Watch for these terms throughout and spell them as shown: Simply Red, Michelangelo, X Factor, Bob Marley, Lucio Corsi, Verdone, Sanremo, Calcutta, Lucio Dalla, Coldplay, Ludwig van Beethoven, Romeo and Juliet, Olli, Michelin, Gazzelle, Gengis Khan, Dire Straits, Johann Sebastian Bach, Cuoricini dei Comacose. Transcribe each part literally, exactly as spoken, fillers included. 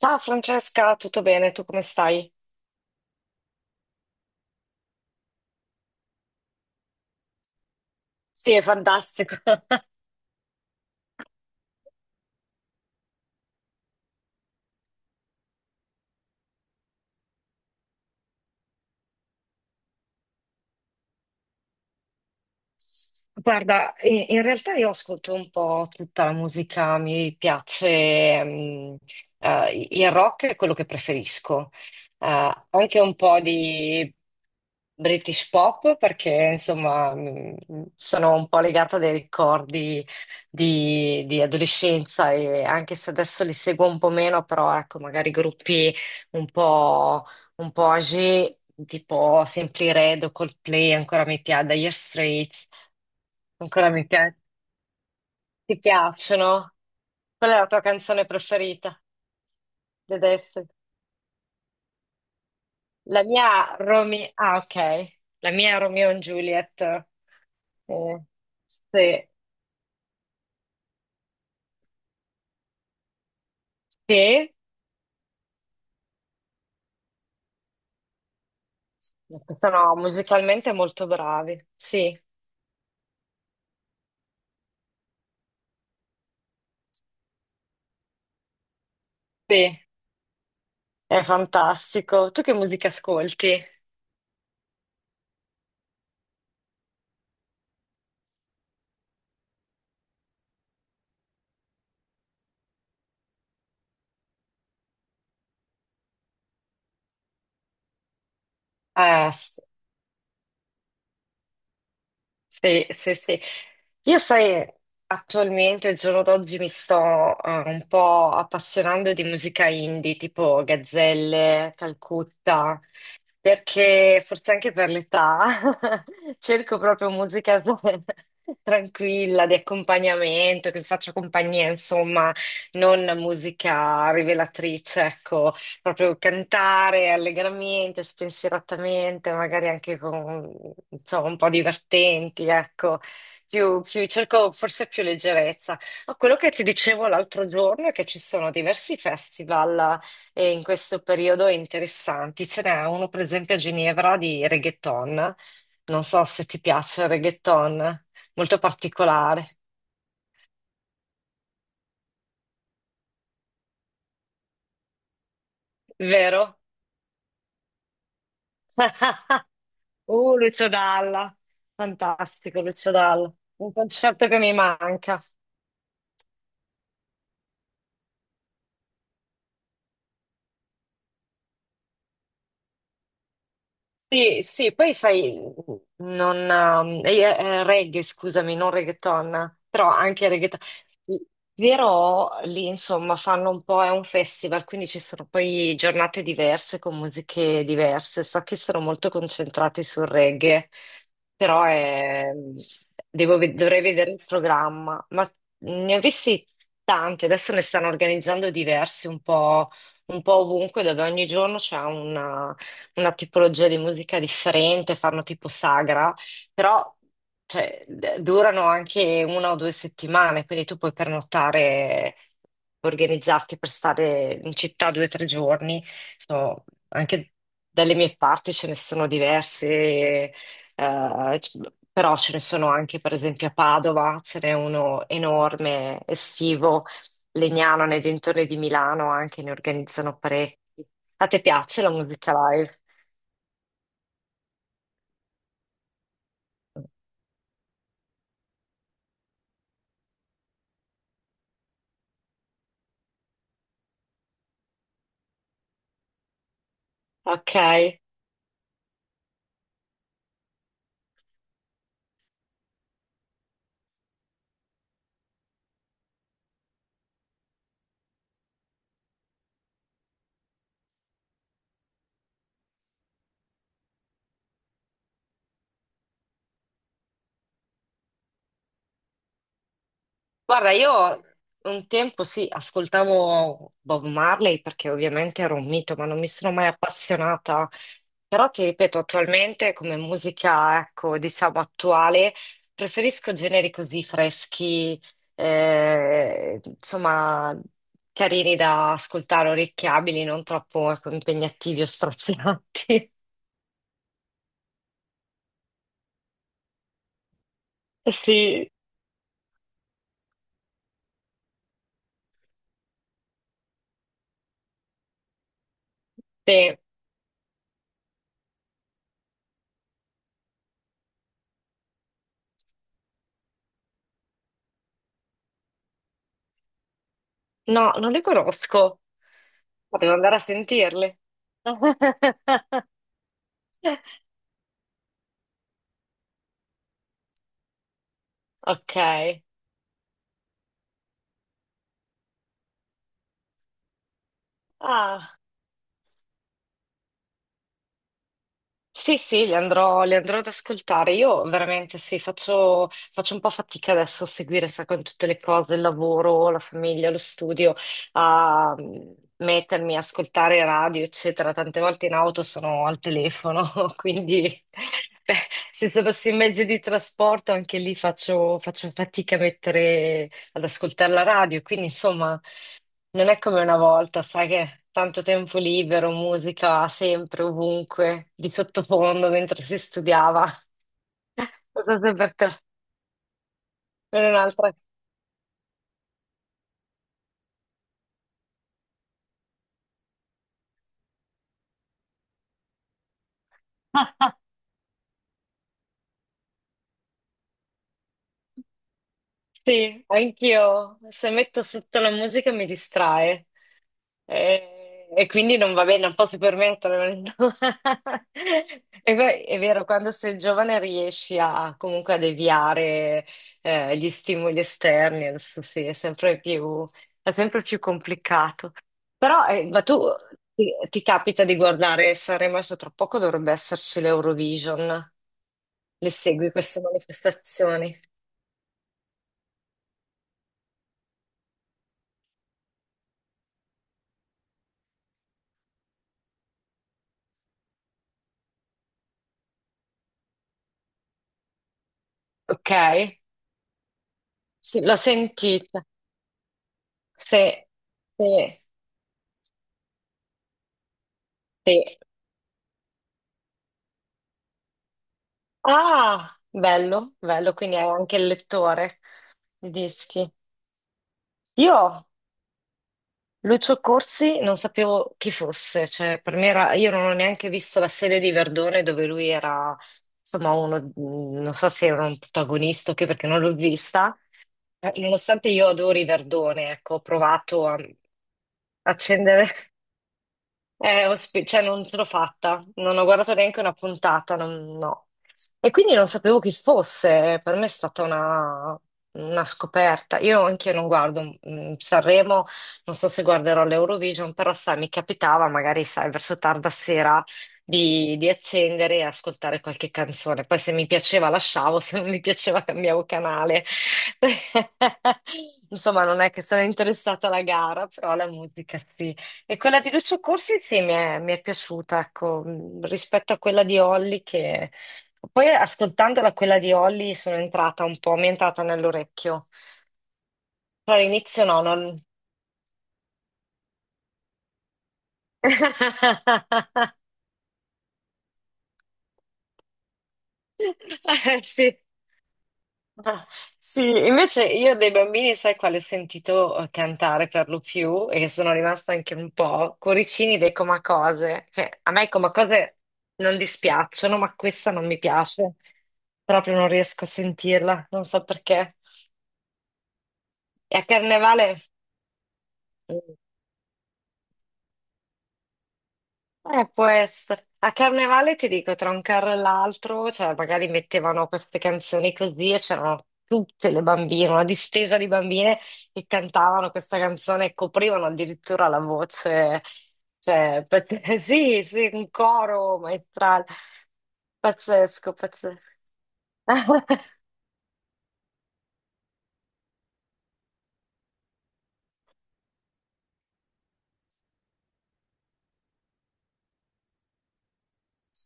Ciao Francesca, tutto bene? Tu come stai? Sì, è fantastico. Guarda, in in realtà io ascolto un po' tutta la musica, mi piace, mm, eh, il rock è quello che preferisco. Eh, anche un po' di British pop, perché insomma mm, sono un po' legata dai ricordi di, di adolescenza, e anche se adesso li seguo un po' meno, però ecco, magari gruppi un po', un po' âgé, tipo Simply Red o Coldplay ancora mi piace, Dire Straits. Ancora mi pia- ti piacciono? Qual è la tua canzone preferita? Vedessi. La mia Romeo... Ah, ok. La mia Romeo and Juliet. Eh, sì. Sì. Sono musicalmente molto bravi. Sì. Sì. È fantastico. Tu che musica ascolti? Eh, Sì, sì, sì. Io sai, attualmente, il giorno d'oggi, mi sto eh, un po' appassionando di musica indie, tipo Gazzelle, Calcutta, perché forse anche per l'età cerco proprio musica tranquilla, di accompagnamento, che faccia compagnia, insomma, non musica rivelatrice, ecco proprio cantare allegramente, spensieratamente, magari anche con, insomma, un po' divertenti, ecco. Più, più- cerco forse più leggerezza. Ma quello che ti dicevo l'altro giorno è che ci sono diversi festival eh, in questo periodo interessanti. Ce n'è uno, per esempio, a Ginevra di reggaeton. Non so se ti piace il reggaeton, molto particolare, vero? Uh, Lucio Dalla, fantastico Lucio Dalla, un concerto che mi manca. Sì, sì, poi sai, non, ehm, eh, eh, reggae, scusami, non reggaeton, però anche reggaeton. Però lì insomma fanno un po', è un festival, quindi ci sono poi giornate diverse con musiche diverse. So che sono molto concentrati sul reggae, però è- devo ve- dovrei vedere il programma. Ma ne ho visti tanti, adesso ne stanno organizzando diversi un po', un po' ovunque, dove ogni giorno c'è una una tipologia di musica differente, fanno tipo sagra, però cioè, d- durano anche una o due settimane, quindi tu puoi pernottare, organizzarti per stare in città due o tre giorni. Insomma, anche dalle mie parti ce ne sono diversi, eh, c- però ce ne sono anche per esempio a Padova, ce n'è uno enorme, estivo, Legnano, nei dintorni di Milano anche ne organizzano parecchi. A te piace la musica live? Ok, guarda, io un tempo sì, ascoltavo Bob Marley perché ovviamente era un mito, ma non mi sono mai appassionata. Però ti ripeto, attualmente come musica, ecco, diciamo attuale, preferisco generi così freschi, eh, insomma, carini da ascoltare, orecchiabili, non troppo, ecco, impegnativi o strazianti. Sì, sì. No, non li conosco. Potevo andare a sentirli. Ok. Ah, sì, sì, li andrò, li andrò ad ascoltare. Io veramente sì, faccio, faccio un po' fatica adesso a seguire, sai, con tutte le cose, il lavoro, la famiglia, lo studio, a mm, mettermi a ascoltare radio, eccetera. Tante volte in auto sono al telefono, quindi beh, se fossi in mezzo di trasporto anche lì faccio, faccio fatica a mettere, ad ascoltare la radio. Quindi, insomma. Non è come una volta, sai che tanto tempo libero, musica sempre, ovunque, di sottofondo mentre si studiava. Non so se per te non è un'altra. Sì, anch'io. Se metto sotto la musica mi distrae. E, e quindi non va bene, non posso permettermelo. E poi è vero, quando sei giovane riesci a comunque a deviare eh, gli stimoli esterni, adesso sì, è sempre più, è sempre più complicato. Però, eh, ma tu ti, ti capita di guardare Sanremo adesso tra poco dovrebbe esserci l'Eurovision. Le segui queste manifestazioni? Ok? Sì, l'ho sentita. Sì, sì, sì. Ah, bello, bello, quindi hai anche il lettore di dischi. Io, Lucio Corsi, non sapevo chi fosse, cioè per me era, io non ho neanche visto la serie di Verdone dove lui era, insomma, uno, mh, non so se era un protagonista o che, perché non l'ho vista. Eh, Nonostante io adori Verdone, ecco, ho provato a accendere. Eh, ho spe- cioè, non ce l'ho fatta, non ho guardato neanche una puntata, non- no. E quindi non sapevo chi fosse, per me è stata una, una scoperta. Io anche non guardo mm, Sanremo, non so se guarderò l'Eurovision, però sai, mi capitava magari, sai, verso tarda sera di, di accendere e ascoltare qualche canzone. Poi se mi piaceva lasciavo, se non mi piaceva cambiavo canale. Insomma, non è che sono interessata alla gara, però la musica sì. E quella di Lucio Corsi sì, mi è, mi è piaciuta, ecco, mh, rispetto a quella di Olli che. Poi ascoltandola quella di Olli sono entrata un po', mi è entrata nell'orecchio. Però all'inizio no, non. Eh, sì. Ah, sì, invece io dei bambini, sai quale ho sentito eh, cantare per lo più e che sono rimasta anche un po'? Cuoricini dei Comacose. Cioè, a me i Comacose non dispiacciono, ma questa non mi piace. Proprio non riesco a sentirla, non so perché. E a Carnevale. mm, Eh, può essere. A Carnevale ti dico, tra un carro e l'altro, cioè magari mettevano queste canzoni così e c'erano tutte le bambine, una distesa di bambine che cantavano questa canzone e coprivano addirittura la voce, cioè. Pazz- sì, sì, un coro maestrale. Pazzesco, pazzesco.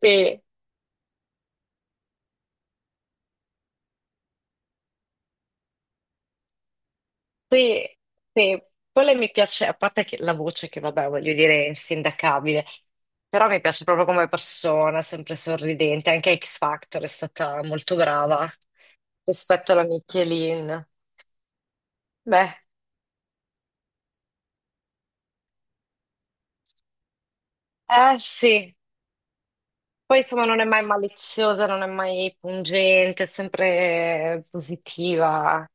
Sì. Sì, sì, quella mi piace, a parte che la voce che vabbè, voglio dire, è insindacabile, però mi piace proprio come persona, sempre sorridente, anche a X Factor è stata molto brava rispetto alla Michelin. Beh, eh sì, poi insomma non è mai maliziosa, non è mai pungente, è sempre positiva.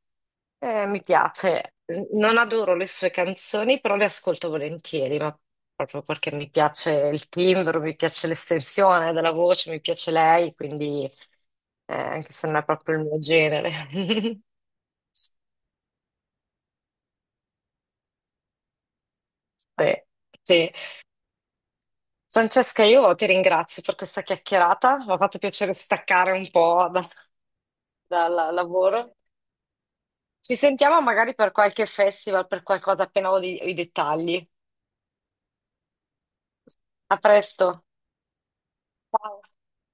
Eh, mi piace, non adoro le sue canzoni, però le ascolto volentieri, ma proprio perché mi piace il timbro, mi piace l'estensione della voce, mi piace lei, quindi eh, anche se non è proprio il mio genere. Sì, sì. Francesca, io ti ringrazio per questa chiacchierata, mi ha fatto piacere staccare un po' da- dal lavoro. Ci sentiamo magari per qualche festival, per qualcosa appena ho di- i dettagli. A presto. Ciao.